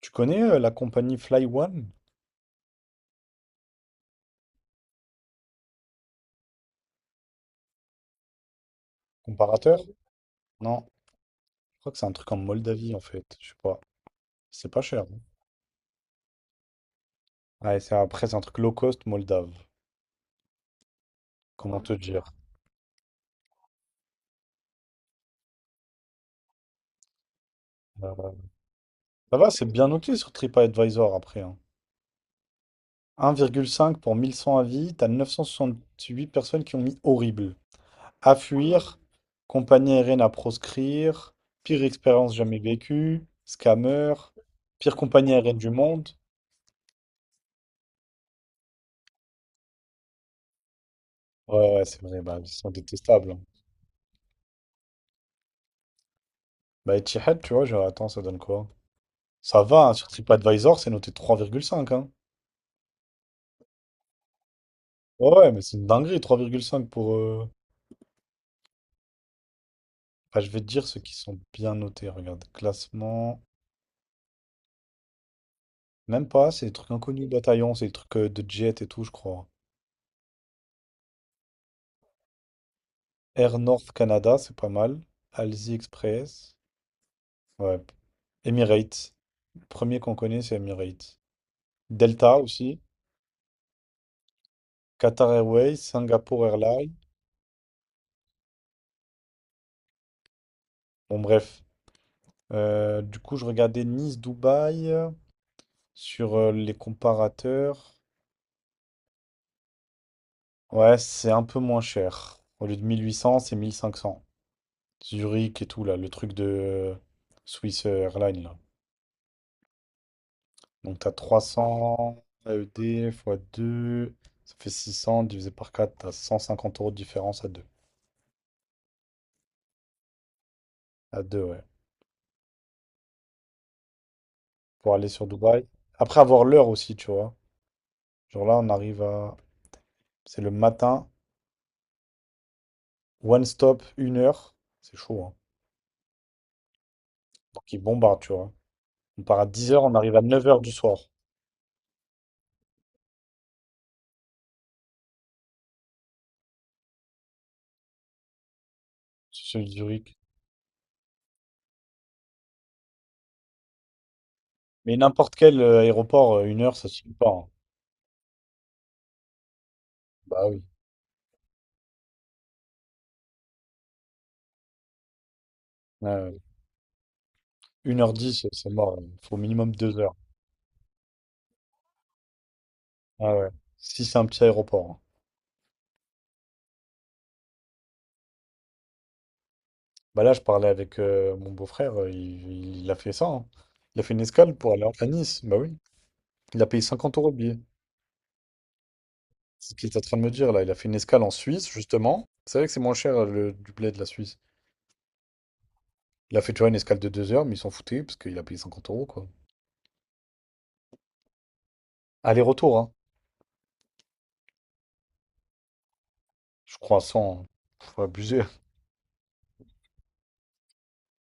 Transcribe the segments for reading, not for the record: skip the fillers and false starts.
Tu connais la compagnie Fly One, comparateur? Non, je crois que c'est un truc en Moldavie en fait, je sais pas. C'est pas cher, hein. Ouais, c'est après c'est un truc low cost moldave, comment te dire. Euh, Ça va, c'est bien noté sur TripAdvisor après, hein. 1,5 pour 1100 avis, t'as 968 personnes qui ont mis horrible. À fuir, compagnie aérienne à proscrire, pire expérience jamais vécue, scammer, pire compagnie aérienne du monde. Ouais, ouais, ouais, c'est vrai, bah, ils sont détestables, hein. Bah, Etihad, tu vois, genre, attends, ça donne quoi? Ça va, hein, sur TripAdvisor, c'est noté 3,5, hein. Ouais, ouais, mais c'est une dinguerie, 3,5 pour... Enfin, je vais te dire ceux qui sont bien notés, regarde. Classement... Même pas, c'est des trucs inconnus, Bataillon, c'est des trucs de jet et tout, je crois. Air North Canada, c'est pas mal. Alsie Express. Ouais. Emirates. Le premier qu'on connaît, c'est Emirates. Delta aussi. Qatar Airways, Singapour Airlines. Bon, bref. Du coup, je regardais Nice, Dubaï. Sur les comparateurs, ouais, c'est un peu moins cher. Au lieu de 1800, c'est 1500. Zurich et tout, là, le truc de Swiss Airlines, là. Donc, t'as 300 AED fois 2, ça fait 600 divisé par 4, t'as 150 € de différence à 2. À deux, ouais. Pour aller sur Dubaï. Après avoir l'heure aussi, tu vois. Genre là, on arrive à. C'est le matin, one stop, une heure. C'est chaud, hein. Donc, ils bombardent, tu vois. On part à 10 heures, on arrive à 9 heures du soir. C'est celui de Zurich. Mais n'importe quel aéroport, une heure, ça suffit pas, hein. Bah oui. Ouais, ouais. 1 heure 10, c'est mort. Il faut au minimum 2 heures. Ah ouais. Si c'est un petit aéroport, hein. Bah là, je parlais avec mon beau-frère, il a fait ça, hein. Il a fait une escale pour aller à Nice. Bah oui. Il a payé 50 euros le billet. C'est ce qu'il est en train de me dire là. Il a fait une escale en Suisse, justement. C'est vrai que c'est moins cher le du blé de la Suisse. Il a fait, tu vois, une escale de 2 heures, mais ils s'en foutaient parce qu'il a payé 50 euros, quoi. Aller-retour, hein. Je crois, sans. Faut abuser.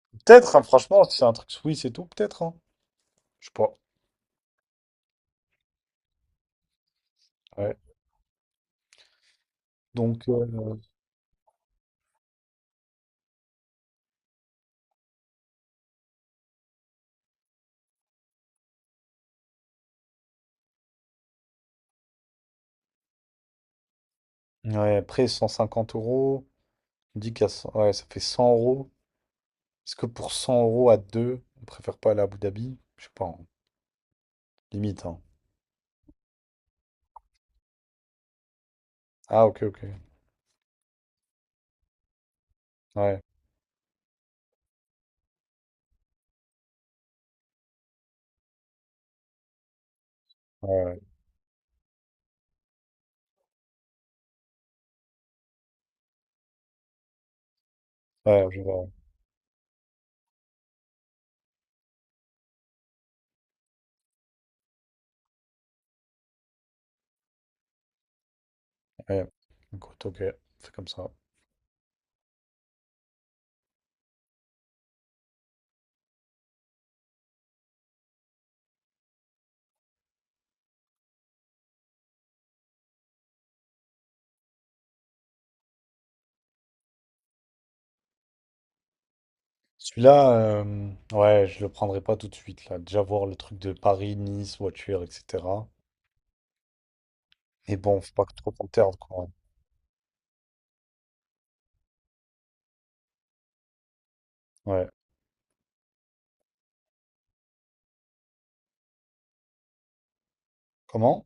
Peut-être, hein, franchement, si c'est un truc Suisse et tout, peut-être, hein. Je sais pas. Ouais. Donc, ouais, après 150 euros, on dit qu'à 100 ouais, ça fait 100 euros. Est-ce que pour 100 euros à deux, on préfère pas aller à Abu Dhabi? Je sais pas, hein. Limite, hein. Ah, ok, ok. Ouais, ouais, ouais, ouais, je vois. Ouais. Écoute, ok, c'est comme ça. Celui-là, ouais, je le prendrai pas tout de suite, là. Déjà voir le truc de Paris, Nice, voiture, etc. Mais bon, faut pas que trop qu'on tarde, quoi. Ouais. Comment?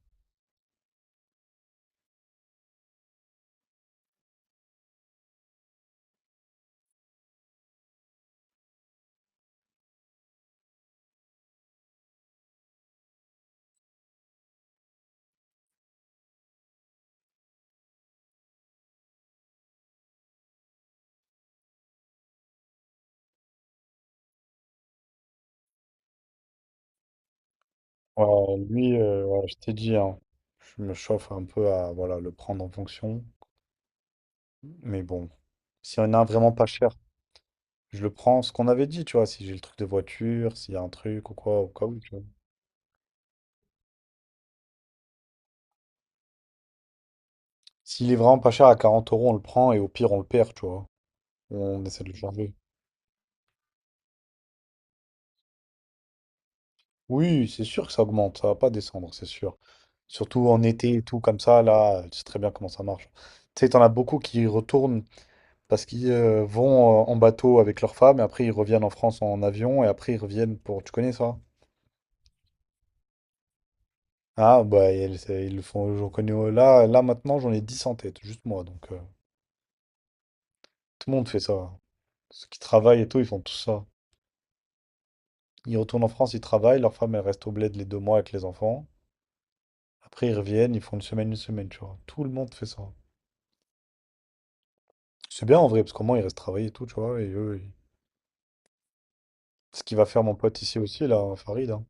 Ouais, lui, ouais, je t'ai dit, hein, je me chauffe un peu à voilà, le prendre en fonction. Mais bon, s'il y en a un vraiment pas cher, je le prends. Ce qu'on avait dit, tu vois, si j'ai le truc de voiture, s'il y a un truc ou quoi, au cas où, tu vois. S'il est vraiment pas cher à 40 euros, on le prend et au pire, on le perd, tu vois. On essaie de le changer. Oui, c'est sûr que ça augmente, ça va pas descendre, c'est sûr. Surtout en été et tout, comme ça, là, tu sais très bien comment ça marche. Tu sais, t'en as beaucoup qui retournent parce qu'ils vont en bateau avec leurs femmes, et après ils reviennent en France en avion, et après ils reviennent pour... Tu connais ça? Ah, bah ils, c'est- ils le font, j'en connais... Là, là maintenant, j'en ai 10 en tête, juste moi. Donc tout le monde fait ça. Ceux qui travaillent et tout, ils font tout ça. Ils retournent en France, ils travaillent, leur femme elle reste au bled les 2 mois avec les enfants. Après ils reviennent, ils font une semaine, tu vois. Tout le monde fait ça. C'est bien en vrai, parce qu'au moins ils restent travailler et tout, tu vois. Et eux, ils- Ce qu'il va faire mon pote ici aussi, là, Farid, hein.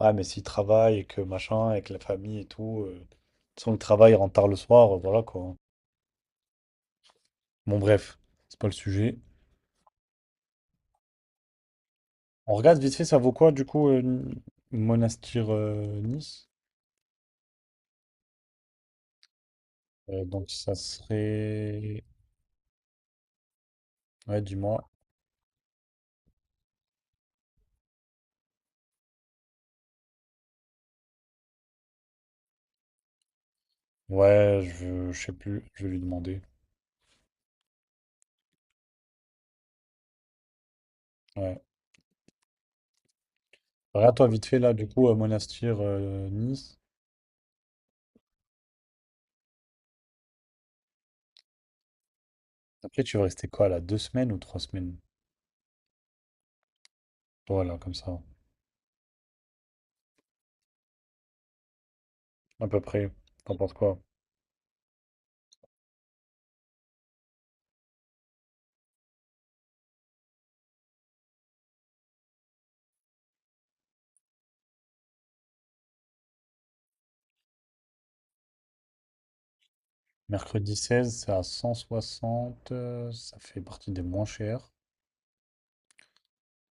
Ouais, mais s'il travaille et que machin, avec la famille et tout, de toute façon, le travail rentre tard le soir, voilà quoi. Bon, bref, c'est pas le sujet. On regarde vite fait, ça vaut quoi du coup, Monastir Nice? Donc ça serait. Ouais, dis-moi. Ouais, je sais plus, je vais lui demander. Ouais. Regarde-toi vite fait là, du coup, Monastir Nice. Après, tu vas rester quoi là? Deux semaines ou trois semaines? Voilà, comme ça, à peu près. T'en penses quoi? Mercredi 16, c'est à 160. Ça fait partie des moins chers.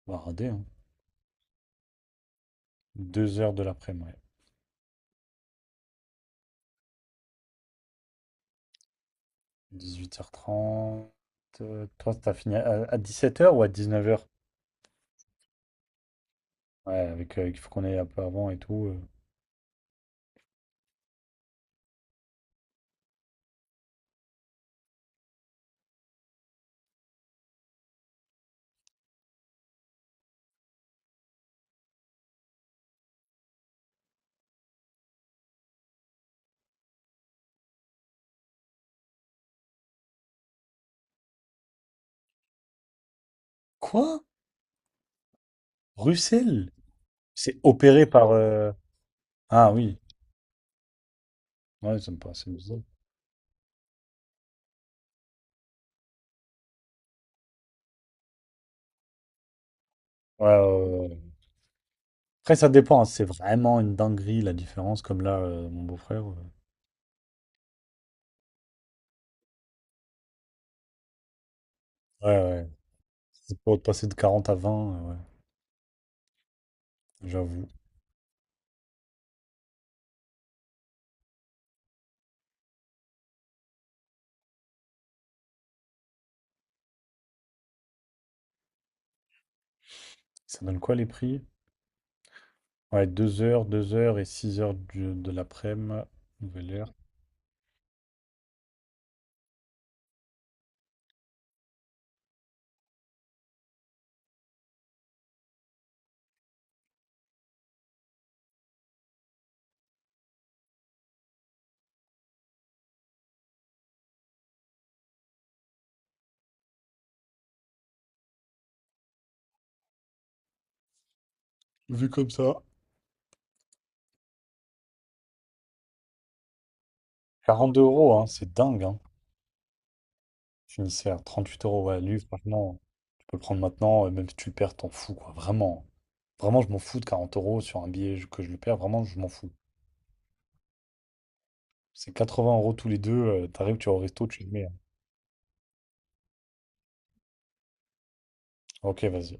On va rader, hein. 2 heures de l'après-midi. Ouais. 18h30. Toi, t'as fini à, 17h ou à 19h? Ouais, avec, il faut qu'on aille un peu avant et tout. Quoi? Bruxelles? C'est opéré par. Ah oui. Ouais, ça me paraît assez bizarre. Ouais, ouais, ouais. Ouais. Après, ça dépend, hein. C'est vraiment une dinguerie la différence. Comme là, mon beau-frère. Ouais, ouais. C'est pour passer de 40 à 20. Ouais, j'avoue. Ça donne quoi les prix? Ouais, 2 heures et 6 heures du- de l'après-midi, nouvelle heure. Vu comme ça. 42 euros, hein, c'est dingue. Hein. Finissait à 38 euros. Ouais, lui, franchement, tu peux le prendre maintenant, même si tu le perds, t'en fous, quoi. Vraiment. Vraiment, je m'en fous de 40 € sur un billet je- que je le perds. Vraiment, je m'en fous. C'est 80 € tous les deux. T'arrives, tu vas au resto, tu le mets, hein. Ok, vas-y.